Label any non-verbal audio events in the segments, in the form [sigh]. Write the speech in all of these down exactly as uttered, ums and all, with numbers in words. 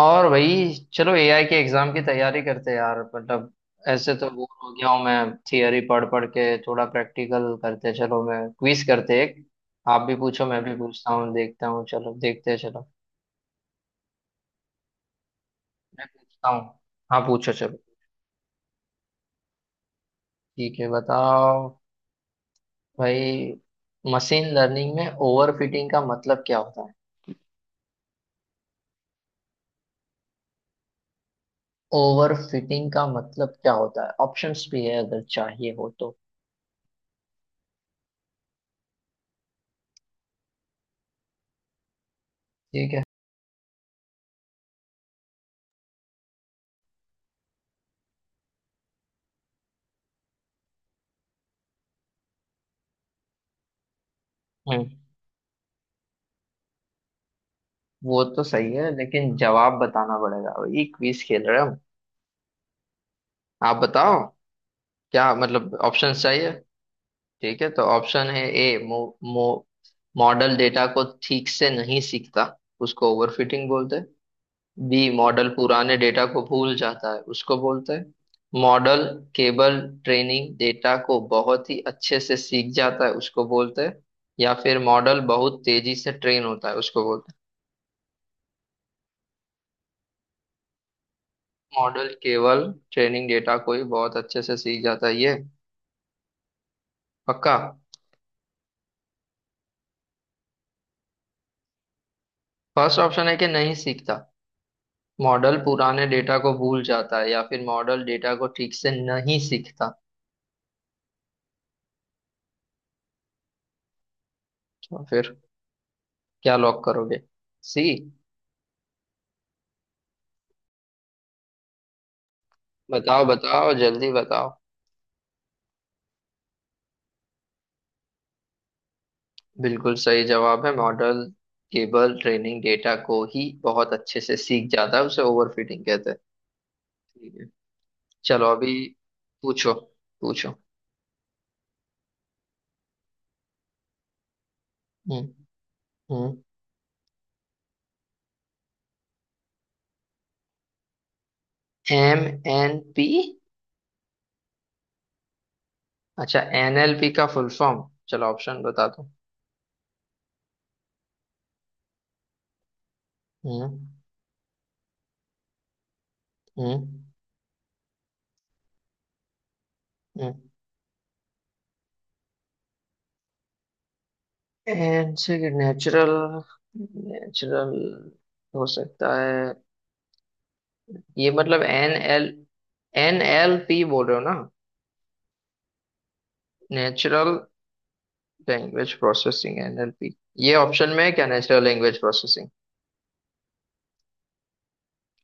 और भाई, चलो एआई के एग्जाम की तैयारी करते हैं यार। मतलब ऐसे तो बोर हो गया हूँ मैं। थियरी पढ़ पढ़ के थोड़ा प्रैक्टिकल करते हैं। चलो मैं क्विज करते हैं एक, आप भी पूछो मैं भी पूछता हूँ, देखता हूँ चलो। देखते हैं चलो, मैं पूछता हूँ। हाँ पूछो चलो, ठीक है बताओ भाई। मशीन लर्निंग में ओवरफिटिंग का मतलब क्या होता है? ओवरफिटिंग का मतलब क्या होता है, ऑप्शंस भी है अगर चाहिए हो तो। ठीक है। हम्म। वो तो सही है लेकिन जवाब बताना पड़ेगा, ये क्विज खेल रहे हैं हम। आप बताओ, क्या मतलब ऑप्शंस चाहिए? ठीक है तो ऑप्शन है ए, मो, मो, मॉडल डेटा को ठीक से नहीं सीखता उसको ओवरफिटिंग बोलते हैं। बी, मॉडल पुराने डेटा को भूल जाता है उसको बोलते हैं। मॉडल केबल ट्रेनिंग डेटा को बहुत ही अच्छे से सीख जाता है उसको बोलते हैं। या फिर मॉडल बहुत तेजी से ट्रेन होता है उसको बोलते हैं। मॉडल केवल ट्रेनिंग डेटा को ही बहुत अच्छे से सीख जाता है, ये पक्का? फर्स्ट ऑप्शन है कि नहीं सीखता, मॉडल पुराने डेटा को भूल जाता है, या फिर मॉडल डेटा को ठीक से नहीं सीखता। तो फिर क्या लॉक करोगे? सी। बताओ बताओ जल्दी बताओ। बिल्कुल सही जवाब है, मॉडल केवल ट्रेनिंग डेटा को ही बहुत अच्छे से सीख जाता है उसे ओवरफिटिंग कहते हैं। ठीक है चलो अभी पूछो, पूछो। हम्म। हम्म। M N P. अच्छा, एनएलपी का फुल फॉर्म, चलो ऑप्शन बता दो। हम्म। हम्म। हम्म। एन से नेचुरल, नेचुरल हो सकता है। ये मतलब N L, N L P बोल रहे हो ना? Natural language processing NLP. ये ऑप्शन में है क्या, नेचुरल लैंग्वेज प्रोसेसिंग?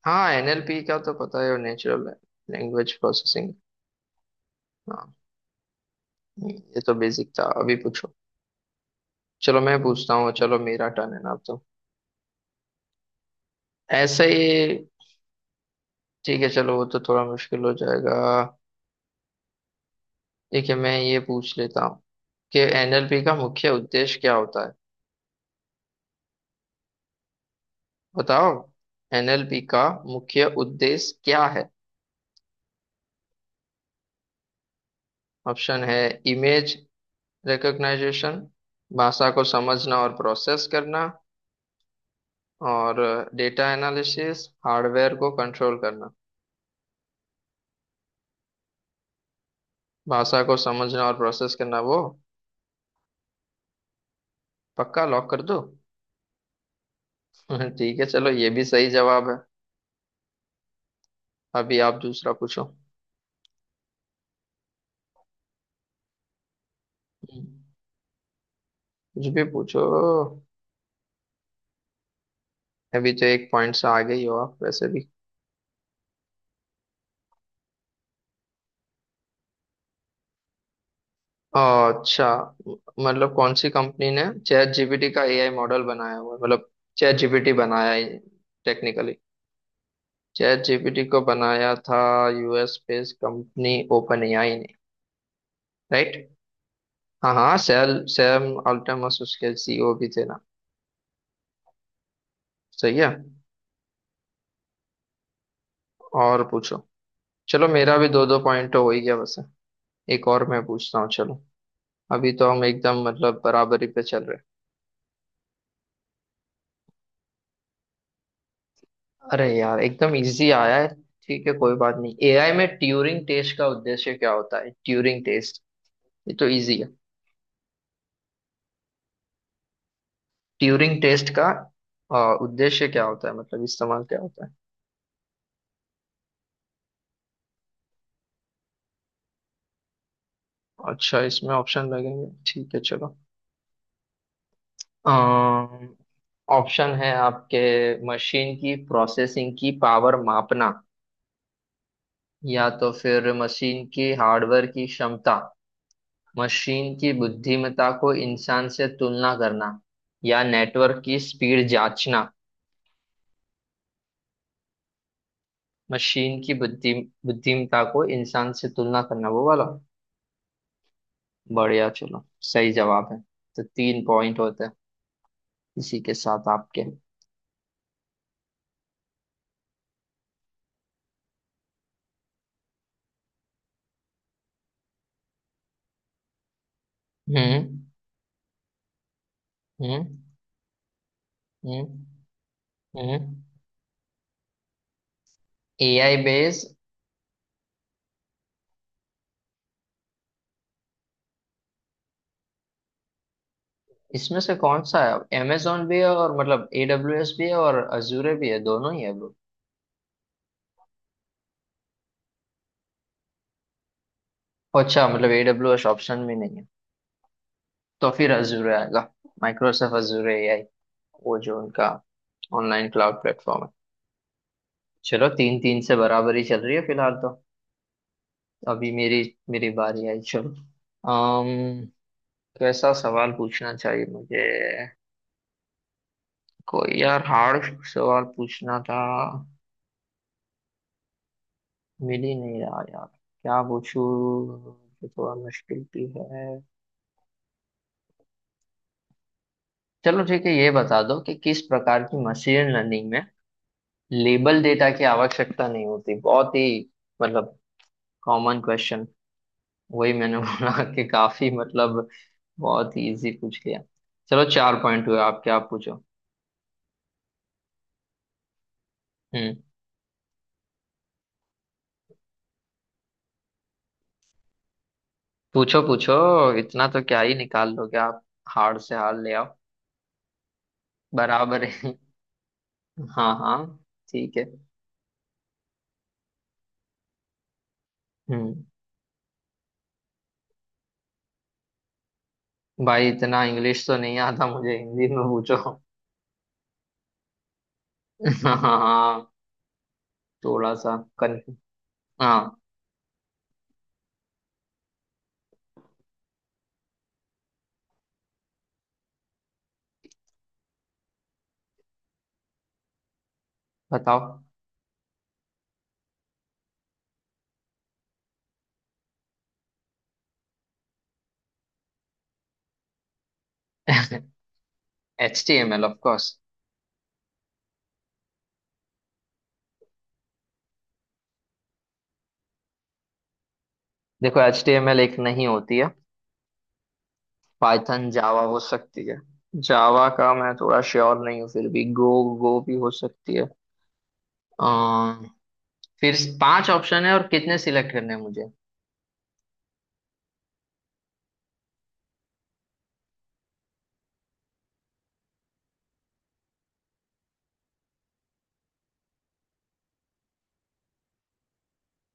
हाँ एनएलपी का तो पता है, और नेचुरल लैंग्वेज प्रोसेसिंग। हाँ ये तो बेसिक था, अभी पूछो। चलो मैं पूछता हूँ, चलो मेरा टर्न है ना अब तो। ऐसे ही ठीक है चलो, वो तो थोड़ा मुश्किल हो जाएगा। ठीक है मैं ये पूछ लेता हूँ कि एनएलपी का मुख्य उद्देश्य क्या होता है। बताओ, एनएलपी का मुख्य उद्देश्य क्या है? ऑप्शन है: इमेज रिकग्नाइजेशन, भाषा को समझना और प्रोसेस करना, और डेटा एनालिसिस, हार्डवेयर को कंट्रोल करना। भाषा को समझना और प्रोसेस करना वो? पक्का लॉक कर दो? [laughs] ठीक है चलो, ये भी सही जवाब है। अभी आप दूसरा पूछो। हम्म, कुछ भी पूछो, अभी तो एक पॉइंट से आगे ही हो आप वैसे भी। अच्छा, मतलब कौन सी कंपनी ने चैट जीपीटी का एआई मॉडल बनाया हुआ है? मतलब चैट जीपीटी बनाया है टेक्निकली, चैट जीपीटी को बनाया था US based company OpenAI ने, राइट? हाँ हाँ, सैल सैम अल्टमस उसके सीईओ भी थे ना। सही है। और पूछो, चलो मेरा भी दो दो पॉइंट हो ही गया वैसे। एक और मैं पूछता हूँ चलो, अभी तो हम एकदम मतलब बराबरी पे चल रहे हैं। अरे यार एकदम इजी आया है। ठीक है कोई बात नहीं, एआई में ट्यूरिंग टेस्ट का उद्देश्य क्या होता है? ट्यूरिंग टेस्ट, ये तो इजी है। ट्यूरिंग टेस्ट का अ, उद्देश्य क्या होता है, मतलब इस्तेमाल क्या होता है? अच्छा इसमें ऑप्शन लगेंगे, ठीक है चलो। अम्म, ऑप्शन है आपके: मशीन की प्रोसेसिंग की पावर मापना, या तो फिर मशीन की हार्डवेयर की क्षमता, मशीन की बुद्धिमत्ता को इंसान से तुलना करना, या नेटवर्क की स्पीड जांचना। मशीन की बुद्धि बुद्धिमत्ता को इंसान से तुलना करना, वो वाला। बढ़िया चलो, सही जवाब है। तो तीन पॉइंट होते हैं इसी के साथ आपके। हम्म। हम्म। हम्म। एआई बेस, इसमें से कौन सा है? अमेजोन भी है और मतलब एडब्ल्यूएस भी है, और अजूरे भी है, दोनों ही है। अच्छा मतलब A W S ऑप्शन में नहीं है। तो फिर अजूर आएगा, माइक्रोसॉफ्ट अजूर एआई, वो जो उनका ऑनलाइन क्लाउड प्लेटफॉर्म है। चलो तीन तीन से बराबरी चल रही है फिलहाल तो। अभी मेरी मेरी बारी आई, चलो। अम्म कैसा सवाल पूछना चाहिए मुझे, कोई यार हार्ड सवाल पूछना था, मिल ही नहीं रहा यार, क्या पूछूं जो थोड़ा मुश्किल भी है। चलो ठीक है, ये बता दो कि किस प्रकार की मशीन लर्निंग में लेबल डेटा की आवश्यकता नहीं होती? बहुत ही मतलब कॉमन क्वेश्चन, वही मैंने [laughs] बोला कि काफी मतलब बहुत ही इजी पूछ लिया। चलो चार पॉइंट हुए आपके, आप पूछो। हम्म। पूछो, पूछो। इतना तो क्या ही निकाल लोगे आप, हार से हार ले आओ, बराबर है। [laughs] हाँ हाँ ठीक है। हम्म। भाई इतना इंग्लिश तो नहीं आता मुझे, हिंदी में पूछो। [laughs] हाँ हाँ, थोड़ा सा कन, हाँ बताओ। [laughs] एच टी एम एल ऑफ। देखो एचटीएमएल एक नहीं होती है, पाइथन जावा हो सकती है, जावा का मैं थोड़ा श्योर नहीं हूँ, फिर भी गो, गो भी हो सकती है। अम, फिर पांच ऑप्शन है और कितने सिलेक्ट करने हैं मुझे?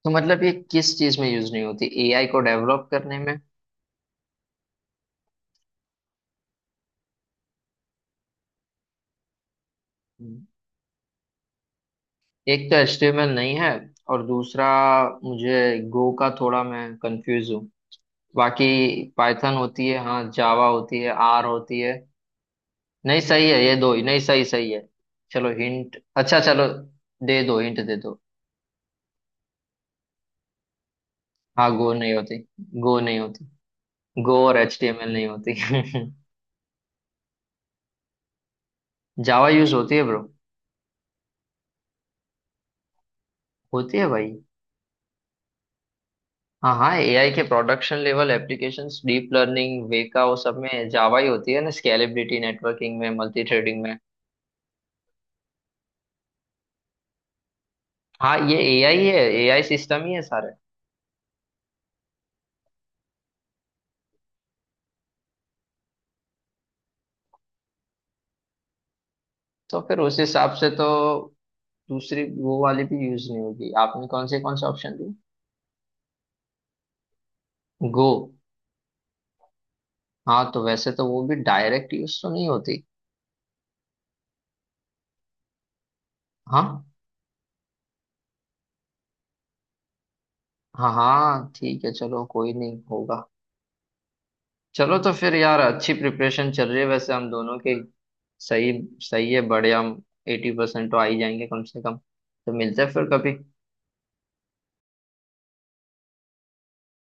तो मतलब ये किस चीज में यूज नहीं होती, एआई को डेवलप करने में? हम्म। एक तो एचटीएमएल नहीं है, और दूसरा मुझे गो का थोड़ा मैं कंफ्यूज हूँ, बाकी पाइथन होती है हाँ, जावा होती है, आर होती है। नहीं सही है ये दो ही, नहीं सही सही है। चलो हिंट, अच्छा चलो दे दो, हिंट दे दो। हाँ गो नहीं होती। गो नहीं होती, गो और एचटीएमएल नहीं होती। [laughs] जावा यूज होती है ब्रो, होती है भाई। हाँ हाँ एआई के production level applications deep learning Weka वो सब में जावा ही होती है ना, स्केलेबिलिटी नेटवर्किंग में, मल्टी थ्रेडिंग में। हाँ ये एआई है, एआई सिस्टम ही है सारे। तो फिर उस हिसाब से तो दूसरी वो वाली भी यूज नहीं होगी, आपने कौन से कौन से ऑप्शन दिए? गो? हाँ तो वैसे तो वो भी डायरेक्ट यूज तो नहीं होती। हाँ हाँ हाँ ठीक है चलो, कोई नहीं होगा। चलो तो फिर यार अच्छी प्रिपरेशन चल रही है वैसे हम दोनों की। सही सही है, बढ़िया, हम एटी परसेंट तो आ ही जाएंगे कम से कम। तो मिलते हैं फिर कभी।